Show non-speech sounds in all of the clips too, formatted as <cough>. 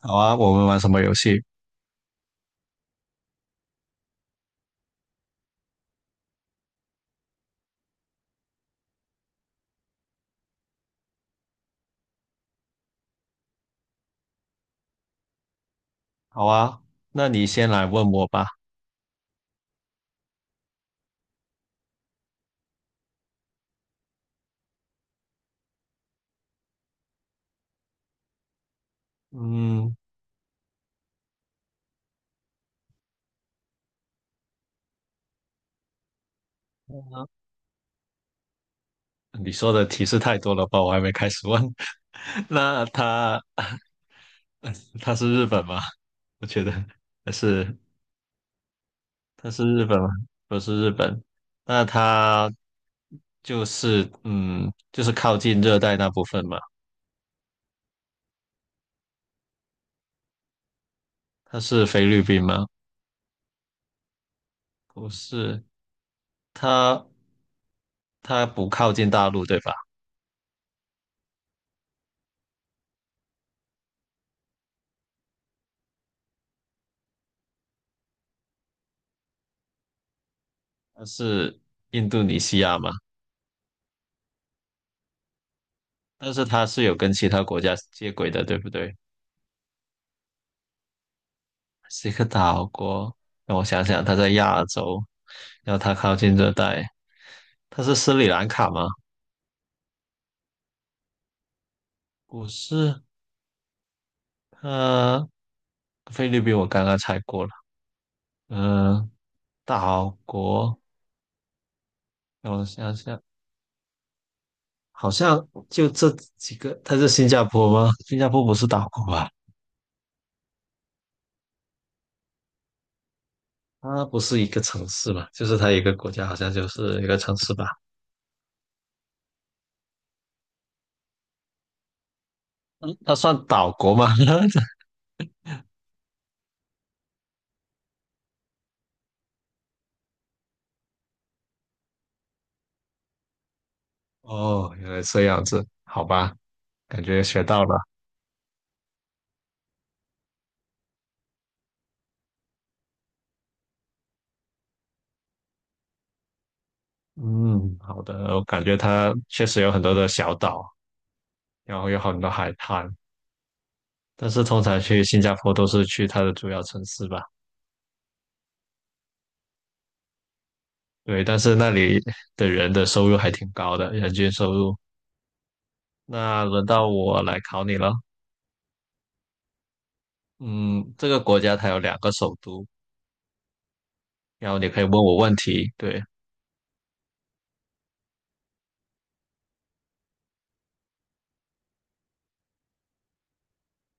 好啊，我们玩什么游戏？好啊，那你先来问我吧。嗯，你说的提示太多了吧？我还没开始问。<laughs> 那他 <laughs> 他是日本吗？我觉得还是他是日本吗？不是日本。那他就是靠近热带那部分嘛。他是菲律宾吗？不是，他他不靠近大陆对吧？他是印度尼西亚吗？但是它是有跟其他国家接轨的，对不对？是一个岛国。让我想想，它在亚洲，然后它靠近热带，它是斯里兰卡吗？不是，呃，菲律宾我刚刚猜过了，嗯、岛国，让我想想，好像就这几个，它是新加坡吗？新加坡不是岛国吧？它不是一个城市吧，就是它一个国家，好像就是一个城市吧？嗯，它算岛国吗？<laughs> 哦，原来这样子，好吧，感觉学到了。嗯，好的，我感觉它确实有很多的小岛，然后有很多海滩，但是通常去新加坡都是去它的主要城市吧。对，但是那里的人的收入还挺高的，人均收入。那轮到我来考你了。嗯，这个国家它有两个首都，然后你可以问我问题。对，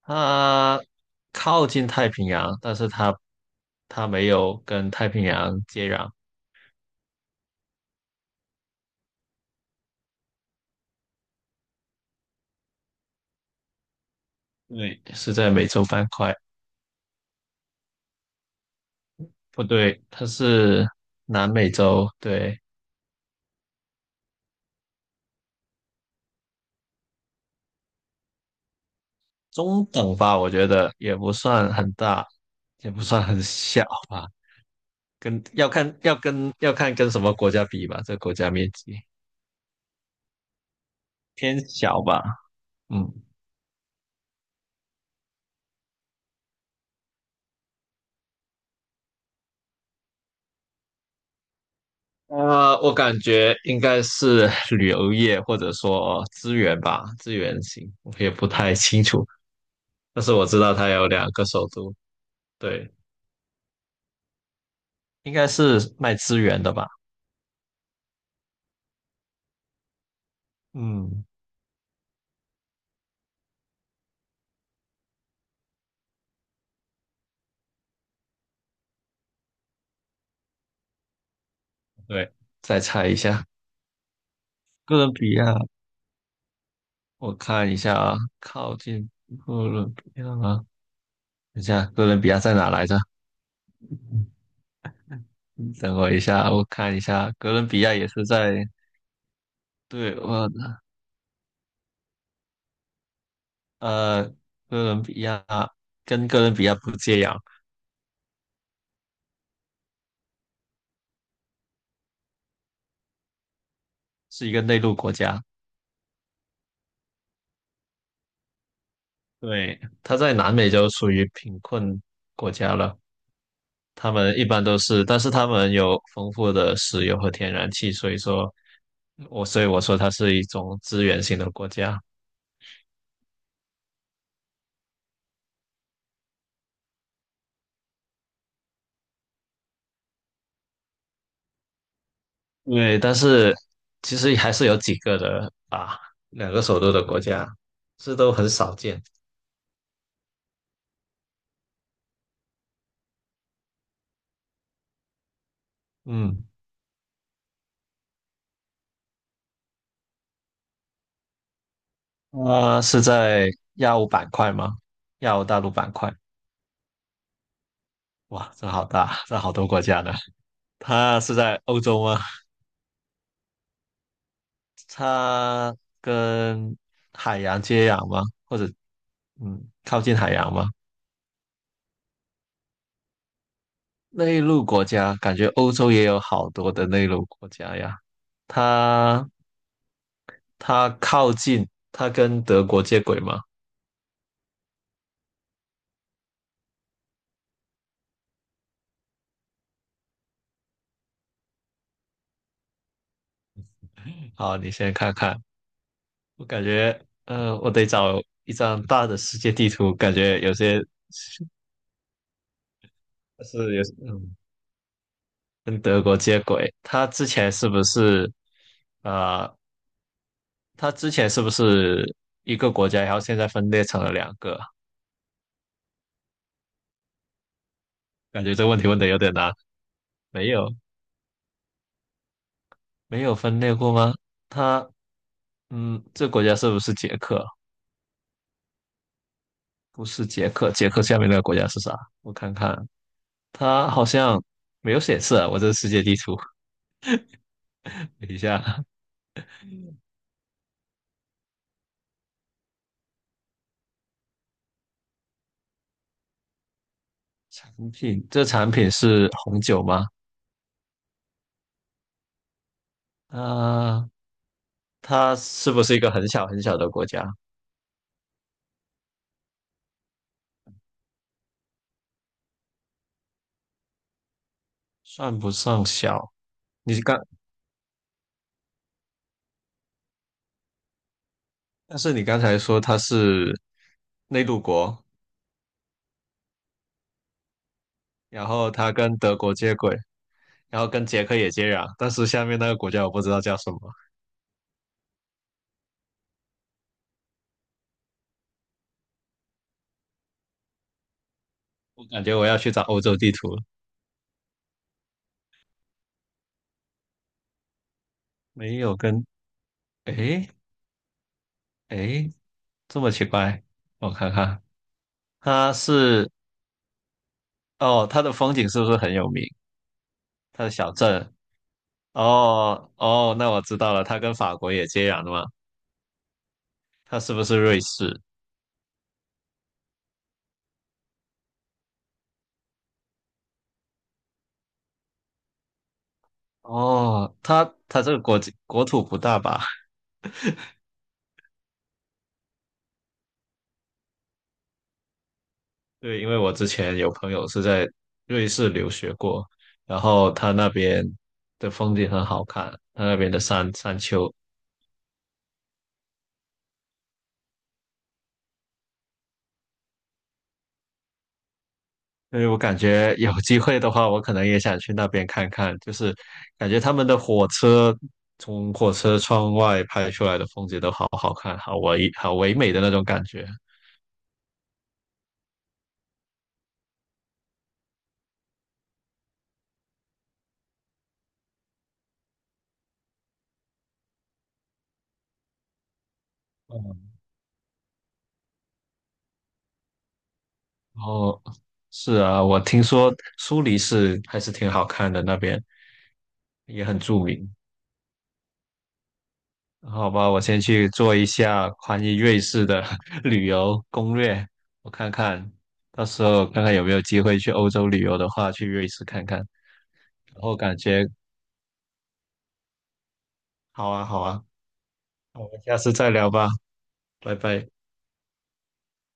它靠近太平洋，但是它没有跟太平洋接壤。对，是在美洲板块，不对，它是南美洲，对，中等吧，我觉得也不算很大，也不算很小吧，跟要看要跟要看跟什么国家比吧，这个国家面积偏小吧，嗯，我感觉应该是旅游业或者说资源吧，资源型，我也不太清楚，但是我知道它有两个首都，对，应该是卖资源的吧，嗯。对，再猜一下，哥伦比亚，我看一下啊，靠近哥伦比亚吗？等一下，哥伦比亚在哪来着？等我一下，我看一下，哥伦比亚也是在，对，我，呃，哥伦比亚跟哥伦比亚不接壤，是一个内陆国家，对，它在南美洲属于贫困国家了，他们一般都是，但是他们有丰富的石油和天然气，所以说，我所以我说它是一种资源型的国家。对，但是其实还是有几个的啊，两个首都的国家，这都很少见。嗯，啊，是在亚欧板块吗？亚欧大陆板块，哇，这好大，这好多国家呢。它是在欧洲吗？它跟海洋接壤吗？或者嗯，靠近海洋吗？内陆国家，感觉欧洲也有好多的内陆国家呀。它它靠近，它跟德国接轨吗？好，你先看看。我感觉，我得找一张大的世界地图，感觉有些是有，嗯，跟德国接轨。呃，他之前是不是一个国家，然后现在分裂成了两个？感觉这问题问的有点难。没有，没有分裂过吗？他，嗯，这国家是不是捷克？不是捷克，捷克下面那个国家是啥？我看看，它好像没有显示啊，我这世界地图，<laughs> 等一下。产品，这产品是红酒吗？啊、它是不是一个很小很小的国家？算不上小。你刚，但是你刚才说它是内陆国，然后它跟德国接轨，然后跟捷克也接壤，但是下面那个国家我不知道叫什么，我感觉我要去找欧洲地图了。没有跟，诶诶这么奇怪，我看看，它是，哦，它的风景是不是很有名？它的小镇，哦哦，那我知道了，它跟法国也接壤的嘛，它是不是瑞士？哦，它这个国际国土不大吧？<laughs> 对，因为我之前有朋友是在瑞士留学过，然后他那边的风景很好看，他那边的山丘所以我感觉有机会的话，我可能也想去那边看看，就是感觉他们的火车从火车窗外拍出来的风景都好好看，好唯美的那种感觉。哦，是啊，我听说苏黎世还是挺好看的，那边也很著名。好吧，我先去做一下关于瑞士的 <laughs> 旅游攻略，我看看，到时候看看有没有机会去欧洲旅游的话，去瑞士看看。然后感觉好啊，好啊，那我们下次再聊吧，拜拜。